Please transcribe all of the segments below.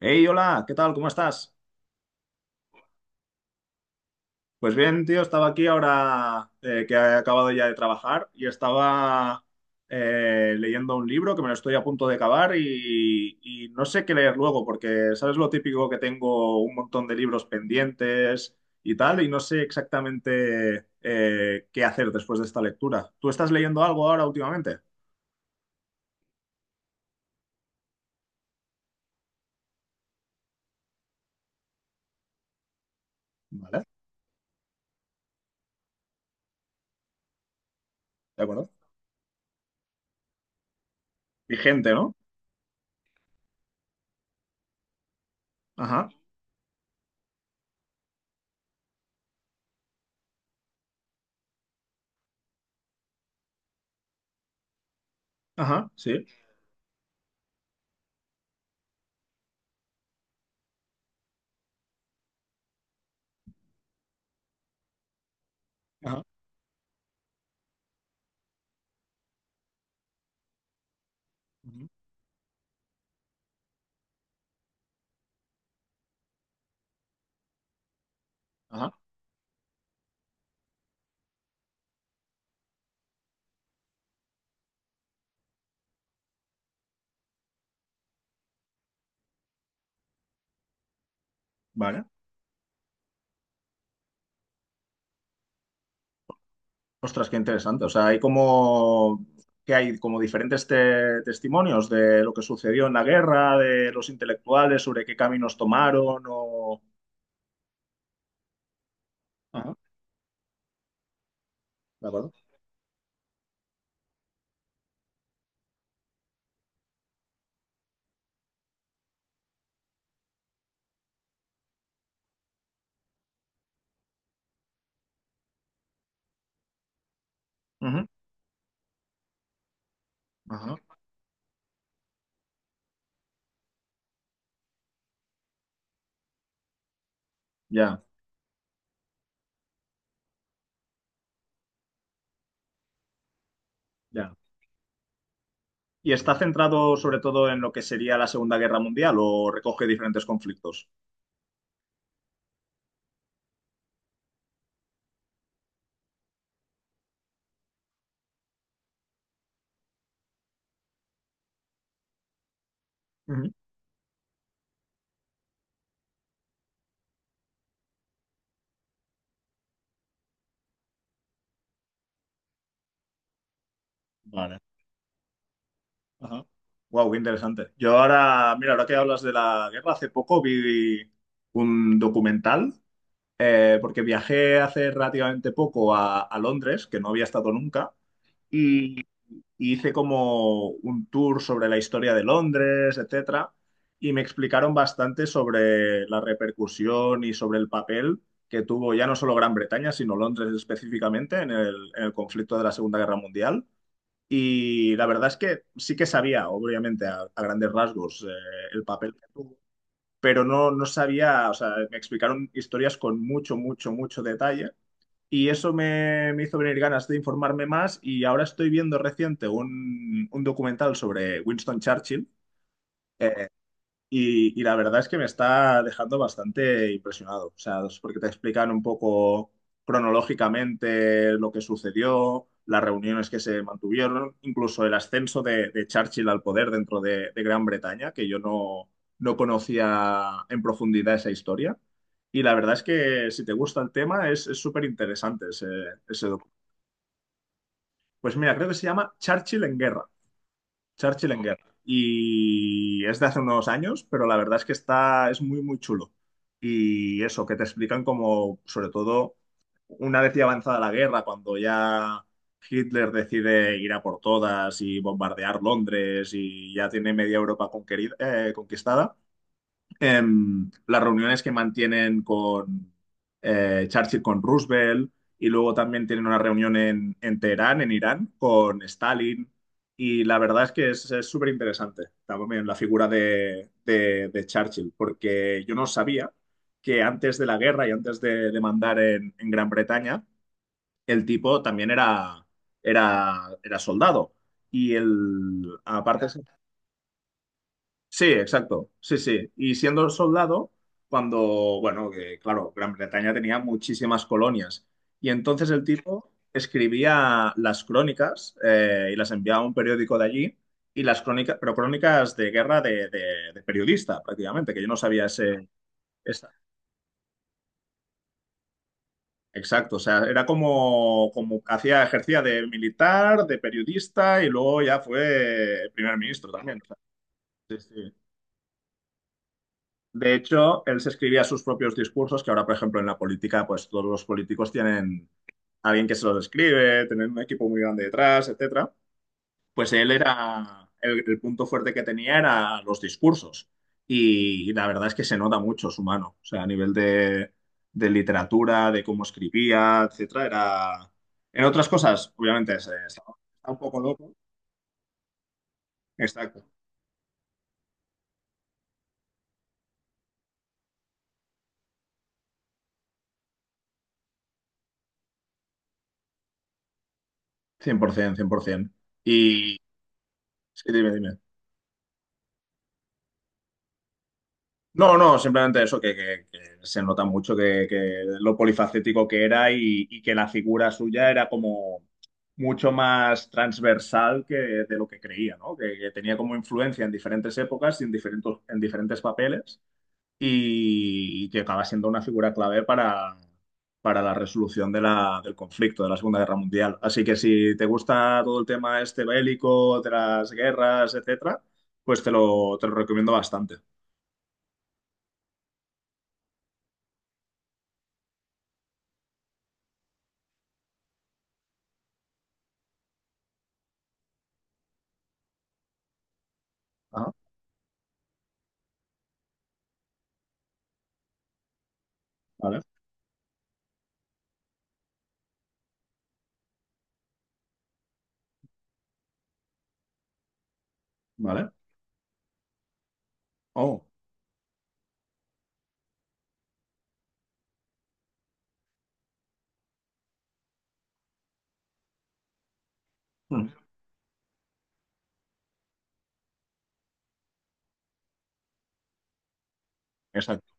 Hey, hola, ¿qué tal? ¿Cómo estás? Pues bien, tío, estaba aquí ahora que he acabado ya de trabajar y estaba leyendo un libro que me lo estoy a punto de acabar y no sé qué leer luego porque, ¿sabes lo típico que tengo un montón de libros pendientes y tal? Y no sé exactamente qué hacer después de esta lectura. ¿Tú estás leyendo algo ahora últimamente? Vale, de acuerdo. Vigente, ¿no? Ajá, ajá, sí. Ajá, ujú, ajá, vale. Ostras, qué interesante. O sea, hay como que hay como diferentes testimonios de lo que sucedió en la guerra, de los intelectuales, sobre qué caminos tomaron o... Ajá, de acuerdo. Ujú, ajá. Ya, ya. ¿Y está centrado sobre todo en lo que sería la Segunda Guerra Mundial o recoge diferentes conflictos? Ujú. Vale. Ajá. Wow, qué interesante. Yo ahora, mira, ahora que hablas de la guerra, hace poco vi un documental porque viajé hace relativamente poco a Londres, que no había estado nunca, y, y hice como un tour sobre la historia de Londres, etcétera, y me explicaron bastante sobre la repercusión y sobre el papel que tuvo ya no solo Gran Bretaña, sino Londres específicamente en el conflicto de la Segunda Guerra Mundial. Y la verdad es que sí que sabía, obviamente, a grandes rasgos, el papel que tuvo, pero no sabía, o sea, me explicaron historias con mucho, mucho, mucho detalle. Me hizo venir ganas de informarme más y ahora estoy viendo reciente un documental sobre Winston Churchill, eh, y la verdad es que me está dejando bastante impresionado, o sea, es porque te explican un poco cronológicamente lo que sucedió, las reuniones que se mantuvieron, incluso el ascenso de Churchill al poder dentro de Gran Bretaña, que yo no, no conocía en profundidad esa historia. Y la verdad es que si te gusta el tema es súper interesante ese docu. Pues mira, creo que se llama Churchill en guerra. Churchill en guerra. Y es de hace unos años, pero la verdad es que es muy, muy chulo. Y eso, que te explican como, sobre todo, una vez ya avanzada la guerra, cuando ya Hitler decide ir a por todas y bombardear Londres y ya tiene media Europa conquistada, las reuniones que mantienen con Churchill, con Roosevelt, y luego también tienen una reunión en Teherán, en Irán, con Stalin. Y la verdad es que es súper interesante también la figura de Churchill, porque yo no sabía que antes de la guerra y antes de mandar en Gran Bretaña, el tipo también era soldado. Y el, aparte, sí, exacto. Sí, sí. Y siendo soldado, cuando, bueno, que claro, Gran Bretaña tenía muchísimas colonias. Y entonces el tipo escribía las crónicas y las enviaba a un periódico de allí. Y las crónicas, pero crónicas de guerra de periodista, prácticamente, que yo no sabía ese. esa- Exacto. O sea, era como, como hacía, ejercía de militar, de periodista y luego ya fue primer ministro también. O sea, sí, sí. De hecho, él se escribía sus propios discursos, que ahora, por ejemplo, en la política, pues todos los políticos tienen alguien que se los escribe, tienen un equipo muy grande detrás, etcétera. Pues él era, el punto fuerte que tenía era los discursos. Y la verdad es que se nota mucho su mano. O sea, a nivel de literatura, de cómo escribía, etcétera, era... En otras cosas, obviamente, está un poco loco. Exacto. Cien cien, por ciento, cien por 100%. Y... Sí, dime, dime. No, no, simplemente eso, que se nota mucho que lo polifacético que era, y que la figura suya era como mucho más transversal que de lo que creía, ¿no? Que tenía como influencia en diferentes épocas y en diferentes papeles y que acaba siendo una figura clave para la resolución de la, del conflicto de la Segunda Guerra Mundial. Así que si te gusta todo el tema este bélico, de las guerras, etcétera, pues te lo recomiendo bastante. Ajá, ¿vale? ¿Vale? Oh. Mm. Exacto.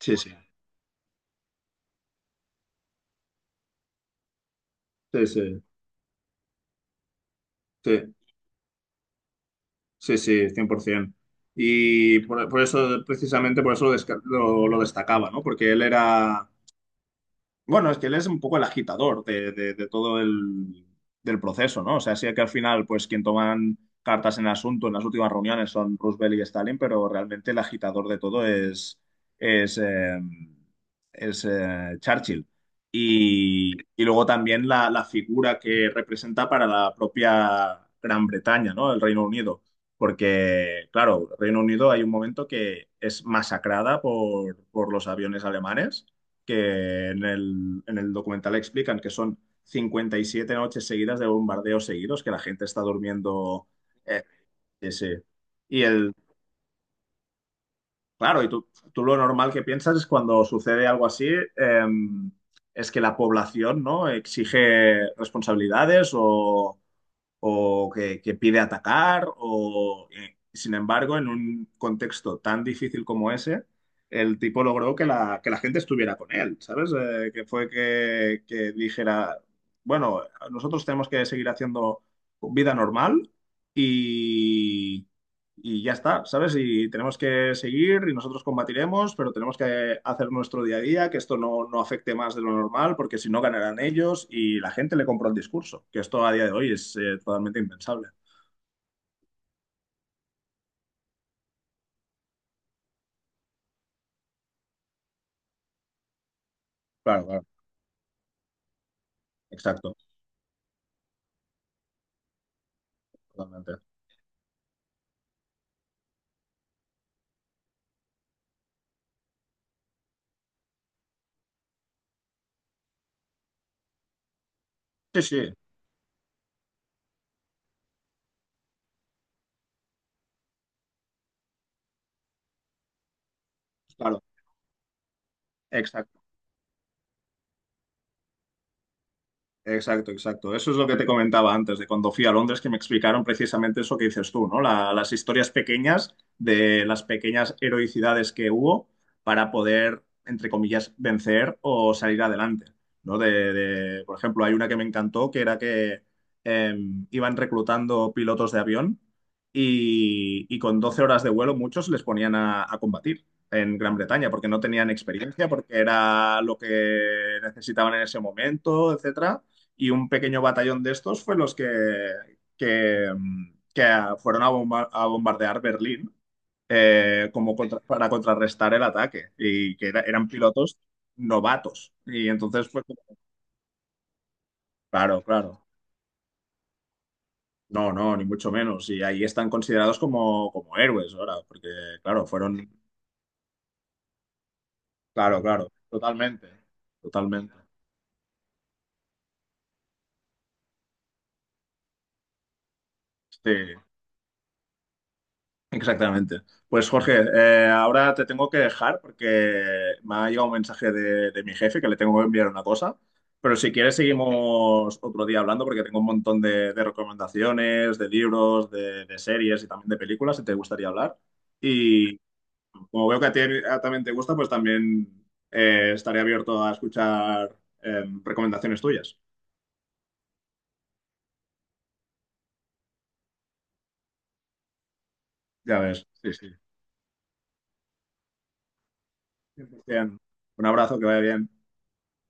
Sí, sí. Sí, sí. Sí, sí, sí, 100%. Y por eso, precisamente por eso lo, lo destacaba, ¿no? Porque él era. Bueno, es que él es un poco el agitador de todo el del proceso, ¿no? O sea, sí que al final, pues quien toman cartas en el asunto en las últimas reuniones son Roosevelt y Stalin, pero realmente el agitador de todo es, eh, es Churchill. Y luego también la figura que representa para la propia Gran Bretaña, ¿no? El Reino Unido. Porque, claro, Reino Unido hay un momento que es masacrada por los aviones alemanes que en el documental explican que son 57 noches seguidas de bombardeos seguidos, que la gente está durmiendo. eh, sí, sí. Y el, claro, tú lo normal que piensas es cuando sucede algo así, es que la población, ¿no? Exige responsabilidades o, que pide atacar, o sin embargo, en un contexto tan difícil como ese, el tipo logró que la gente estuviera con él, ¿sabes? Que dijera, bueno, nosotros tenemos que seguir haciendo vida normal y y ya está, ¿sabes? Y tenemos que seguir y nosotros combatiremos, pero tenemos que hacer nuestro día a día, que esto no afecte más de lo normal, porque si no ganarán ellos y la gente le compró el discurso, que esto a día de hoy es totalmente impensable. Claro, claro, exacto, totalmente. Sí, sí, claro, exacto. Exacto, exacto. Eso es lo que te comentaba antes, de cuando fui a Londres, que me explicaron precisamente eso que dices tú, ¿no? Las historias pequeñas de las pequeñas heroicidades que hubo para poder, entre comillas, vencer o salir adelante, ¿no? Por ejemplo, hay una que me encantó, que era que eh, iban reclutando pilotos de avión y con 12 horas de vuelo muchos les ponían a combatir en Gran Bretaña, porque no tenían experiencia, porque era lo que necesitaban en ese momento, etcétera, y un pequeño batallón de estos fue los que, que fueron a, a bombardear Berlín, como para contrarrestar el ataque y que eran pilotos novatos. Y entonces, pues, claro, claro. No, no, ni mucho menos. Y ahí están considerados como, como héroes ahora, porque, claro, fueron... Claro, claro, totalmente, totalmente. Sí. Exactamente. Pues Jorge, ahora te tengo que dejar porque me ha llegado un mensaje de mi jefe que le tengo que enviar una cosa, pero si quieres seguimos otro día hablando porque tengo un montón de recomendaciones, de libros, de series y también de películas si te gustaría hablar. Y como veo que a ti también te gusta, pues también estaré abierto a escuchar recomendaciones tuyas. Ya ves, sí, sí. 100%. Un abrazo, que vaya bien.